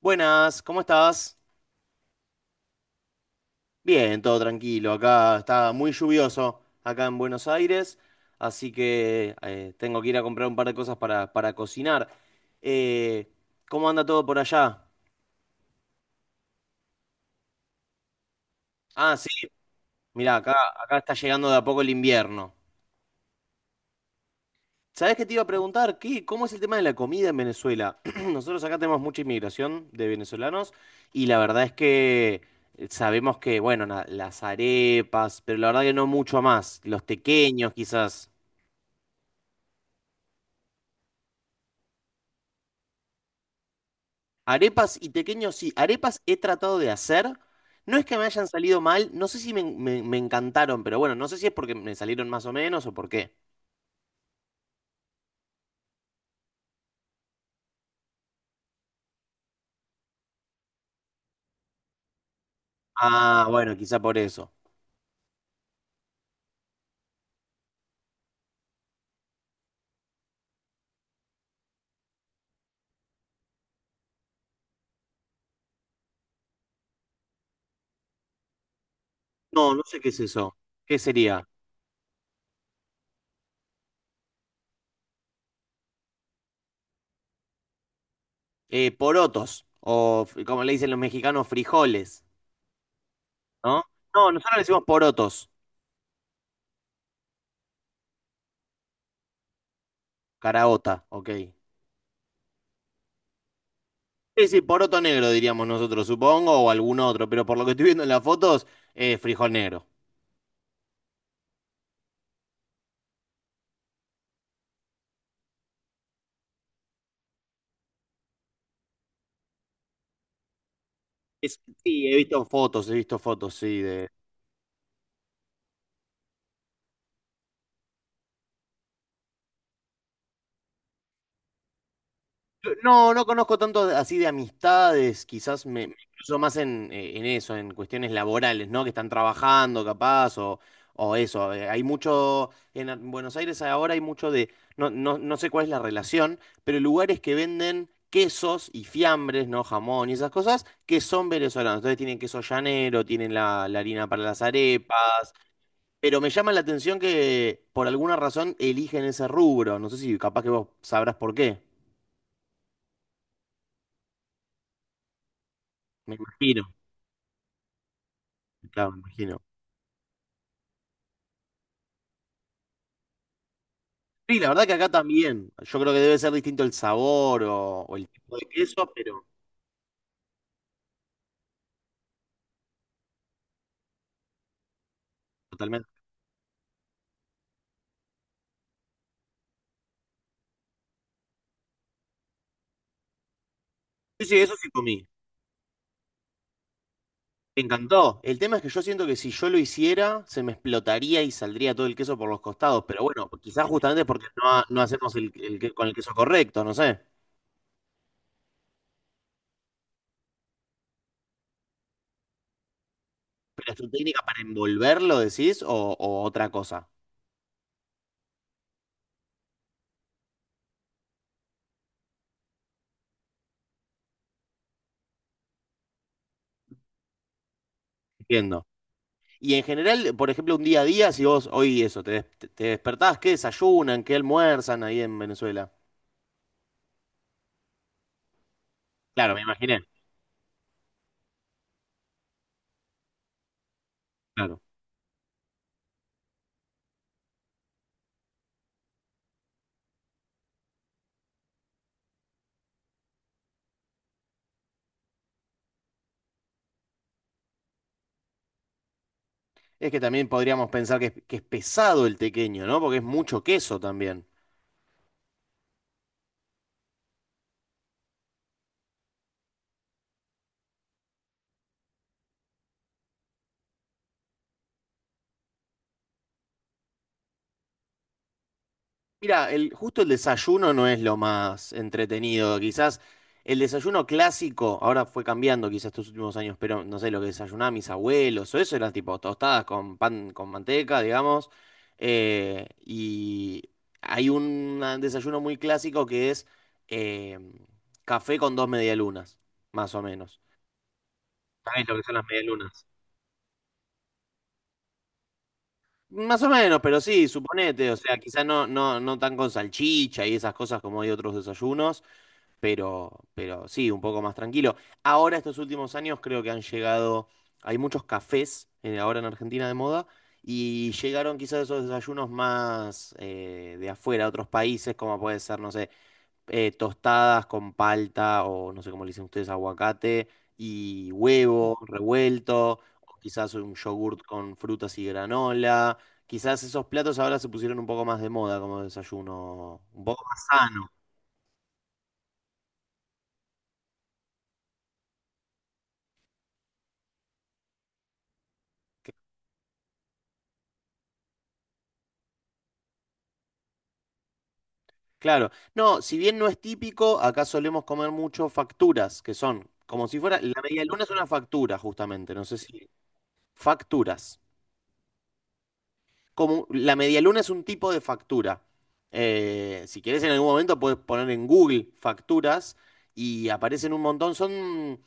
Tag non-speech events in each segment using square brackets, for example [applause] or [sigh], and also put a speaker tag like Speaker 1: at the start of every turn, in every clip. Speaker 1: Buenas, ¿cómo estás? Bien, todo tranquilo. Acá está muy lluvioso, acá en Buenos Aires, así que tengo que ir a comprar un par de cosas para cocinar. Eh, ¿Cómo anda todo por allá? Ah, sí, mirá, acá está llegando de a poco el invierno. ¿Sabés qué te iba a preguntar? ¿Cómo es el tema de la comida en Venezuela? [clears throat] Nosotros acá tenemos mucha inmigración de venezolanos y la verdad es que sabemos que, bueno, las arepas, pero la verdad que no mucho más, los tequeños quizás. Arepas y tequeños sí, arepas he tratado de hacer. No es que me hayan salido mal, no sé si me encantaron, pero bueno, no sé si es porque me salieron más o menos o por qué. Ah, bueno, quizá por eso. No, no sé qué es eso. ¿Qué sería? Porotos, como le dicen los mexicanos, frijoles, ¿no? No, nosotros le decimos porotos, caraota, ok. Sí, sí, poroto negro diríamos nosotros, supongo, o algún otro, pero por lo que estoy viendo en las fotos, frijol negro. Es- sí, he visto fotos, sí. No, no conozco tanto así de amistades, quizás me cruzo más en eso, en cuestiones laborales, ¿no? Que están trabajando capaz o eso. Hay mucho, en Buenos Aires ahora hay mucho de, no, no, no sé cuál es la relación, pero lugares que venden quesos y fiambres, ¿no? Jamón y esas cosas, que son venezolanos. Entonces tienen queso llanero, tienen la harina para las arepas, pero me llama la atención que por alguna razón eligen ese rubro. No sé si capaz que vos sabrás por qué, me imagino. Claro, me imagino. Sí, la verdad que acá también. Yo creo que debe ser distinto el sabor o el tipo de queso, pero totalmente. Sí, sí, eso sí comí. Me encantó. El tema es que yo siento que si yo lo hiciera, se me explotaría y saldría todo el queso por los costados. Pero bueno, quizás justamente porque no, no hacemos el con el queso correcto, no sé. Pero es tu técnica para envolverlo, decís, o otra cosa. Entiendo. Y en general, por ejemplo, un día a día, si vos hoy eso, te despertás, ¿qué desayunan? ¿Qué almuerzan ahí en Venezuela? Claro, me imaginé. Claro. Es que también podríamos pensar que es pesado el tequeño, ¿no? Porque es mucho queso también. Mira, justo el desayuno no es lo más entretenido. Quizás el desayuno clásico, ahora fue cambiando quizás estos últimos años, pero no sé, lo que desayunaban mis abuelos o eso eran tipo tostadas con pan, con manteca, digamos. Y hay un desayuno muy clásico que es eh, café con dos medialunas, más o menos. ¿Sabes lo que son las medialunas? Más o menos, pero sí, suponete, o sea, quizás no, no, no tan con salchicha y esas cosas como hay otros desayunos, pero sí, un poco más tranquilo. Ahora, estos últimos años, creo que han llegado, hay muchos cafés ahora en Argentina de moda, y llegaron quizás esos desayunos más de afuera, de otros países, como puede ser, no sé, tostadas con palta o no sé cómo le dicen ustedes, aguacate y huevo revuelto, o quizás un yogurt con frutas y granola. Quizás esos platos ahora se pusieron un poco más de moda como desayuno, un poco más sano. Claro, no, si bien no es típico, acá solemos comer mucho facturas, que son como si fuera, la media luna es una factura justamente, no sé si facturas. Como la medialuna es un tipo de factura. Si querés en algún momento puedes poner en Google facturas y aparecen un montón. Son,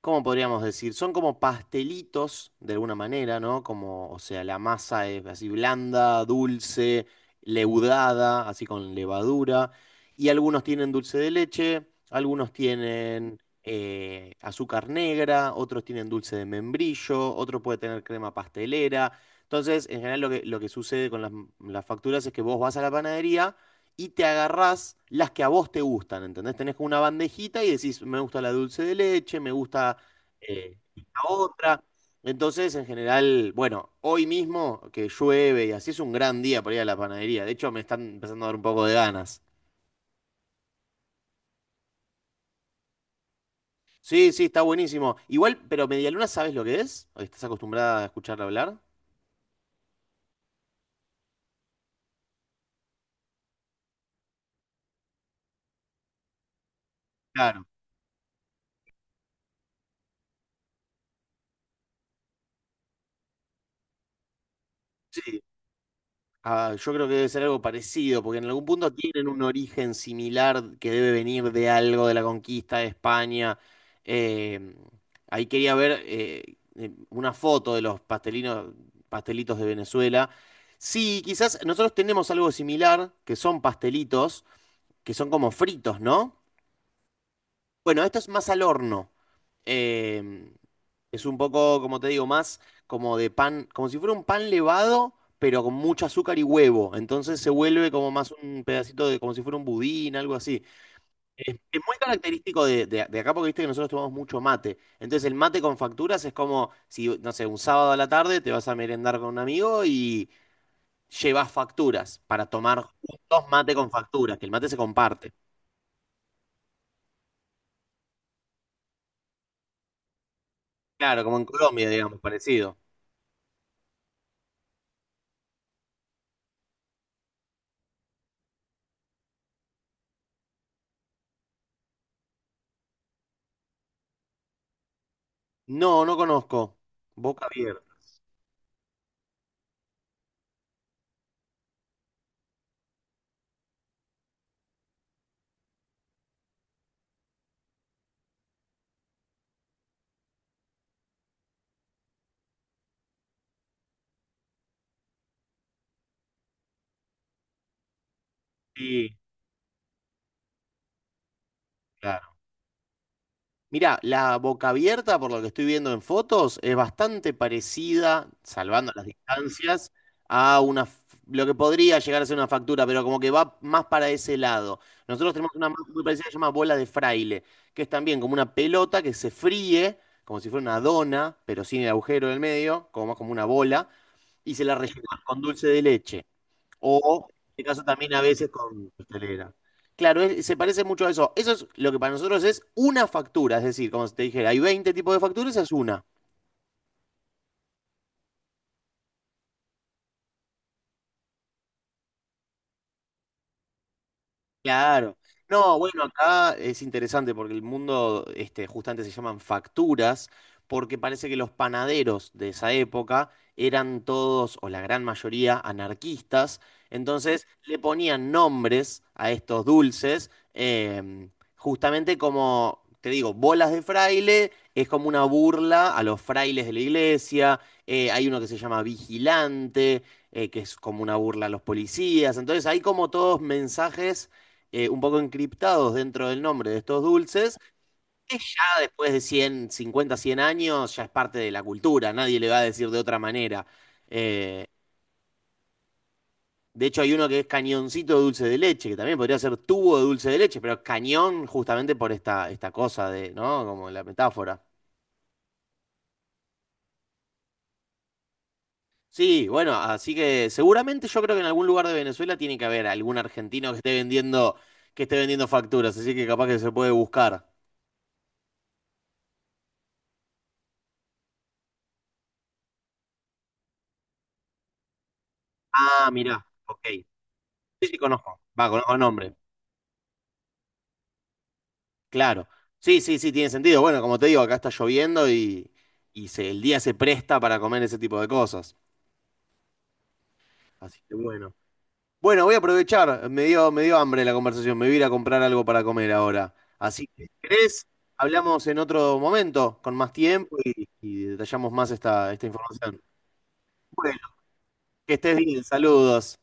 Speaker 1: ¿cómo podríamos decir? Son como pastelitos de alguna manera, ¿no? Como, o sea, la masa es así blanda, dulce, leudada, así con levadura. Y algunos tienen dulce de leche, algunos tienen azúcar negra, otros tienen dulce de membrillo, otro puede tener crema pastelera. Entonces, en general lo que sucede con las facturas es que vos vas a la panadería y te agarrás las que a vos te gustan, ¿entendés? Tenés como una bandejita y decís, me gusta la dulce de leche, me gusta esta otra. Entonces, en general, bueno, hoy mismo que llueve y así es un gran día para ir a la panadería. De hecho, me están empezando a dar un poco de ganas. Sí, sí, está buenísimo. Igual, pero medialuna, ¿sabes lo que es? ¿Estás acostumbrada a escucharla hablar? Claro. Sí. Ah, yo creo que debe ser algo parecido, porque en algún punto tienen un origen similar que debe venir de algo de la conquista de España. Eh, Ahí quería ver una foto de los pastelitos de Venezuela. Sí, quizás nosotros tenemos algo similar, que son pastelitos, que son como fritos, ¿no? Bueno, esto es más al horno. Em, es un poco, como te digo, más como de pan, como si fuera un pan levado, pero con mucho azúcar y huevo. Entonces se vuelve como más un pedacito de, como si fuera un budín, algo así. Es muy característico de, de acá porque viste que nosotros tomamos mucho mate. Entonces el mate con facturas es como si, no sé, un sábado a la tarde te vas a merendar con un amigo y llevas facturas para tomar juntos mate con facturas, que el mate se comparte. Claro, como en Colombia, digamos, parecido. No, no conozco. Boca abierta. Sí, claro. Mirá, la boca abierta, por lo que estoy viendo en fotos, es bastante parecida, salvando las distancias, lo que podría llegar a ser una factura, pero como que va más para ese lado. Nosotros tenemos una más muy parecida que se llama bola de fraile, que es también como una pelota que se fríe, como si fuera una dona, pero sin el agujero en el medio, como más como una bola, y se la rellena con dulce de leche. O en este caso también a veces con pastelera. Claro, se parece mucho a eso. Eso es lo que para nosotros es una factura, es decir, como si te dijera, hay 20 tipos de facturas, esa es una. Claro. No, bueno, acá es interesante porque el mundo, este, justamente se llaman facturas, porque parece que los panaderos de esa época eran todos, o la gran mayoría, anarquistas. Entonces le ponían nombres a estos dulces, justamente como, te digo, bolas de fraile, es como una burla a los frailes de la iglesia. Hay uno que se llama vigilante, que es como una burla a los policías. Entonces hay como todos mensajes un poco encriptados dentro del nombre de estos dulces, que ya después de 100 50 100 años ya es parte de la cultura, nadie le va a decir de otra manera. Eh, de hecho, hay uno que es cañoncito de dulce de leche, que también podría ser tubo de dulce de leche, pero cañón justamente por esta cosa de, ¿no? Como la metáfora. Sí, bueno, así que seguramente yo creo que en algún lugar de Venezuela tiene que haber algún argentino que esté vendiendo, facturas, así que capaz que se puede buscar. Ah, mirá, ok. Sí, sí, conozco. Va, conozco el nombre. Claro, sí, sí, sí, tiene sentido. Bueno, como te digo, acá está lloviendo el día se presta para comer ese tipo de cosas. Así que bueno. Bueno, voy a aprovechar. Me dio hambre la conversación. Me voy a ir a comprar algo para comer ahora. Así que, si querés, hablamos en otro momento, con más tiempo y detallamos más esta información. Bueno, que estés bien. Saludos.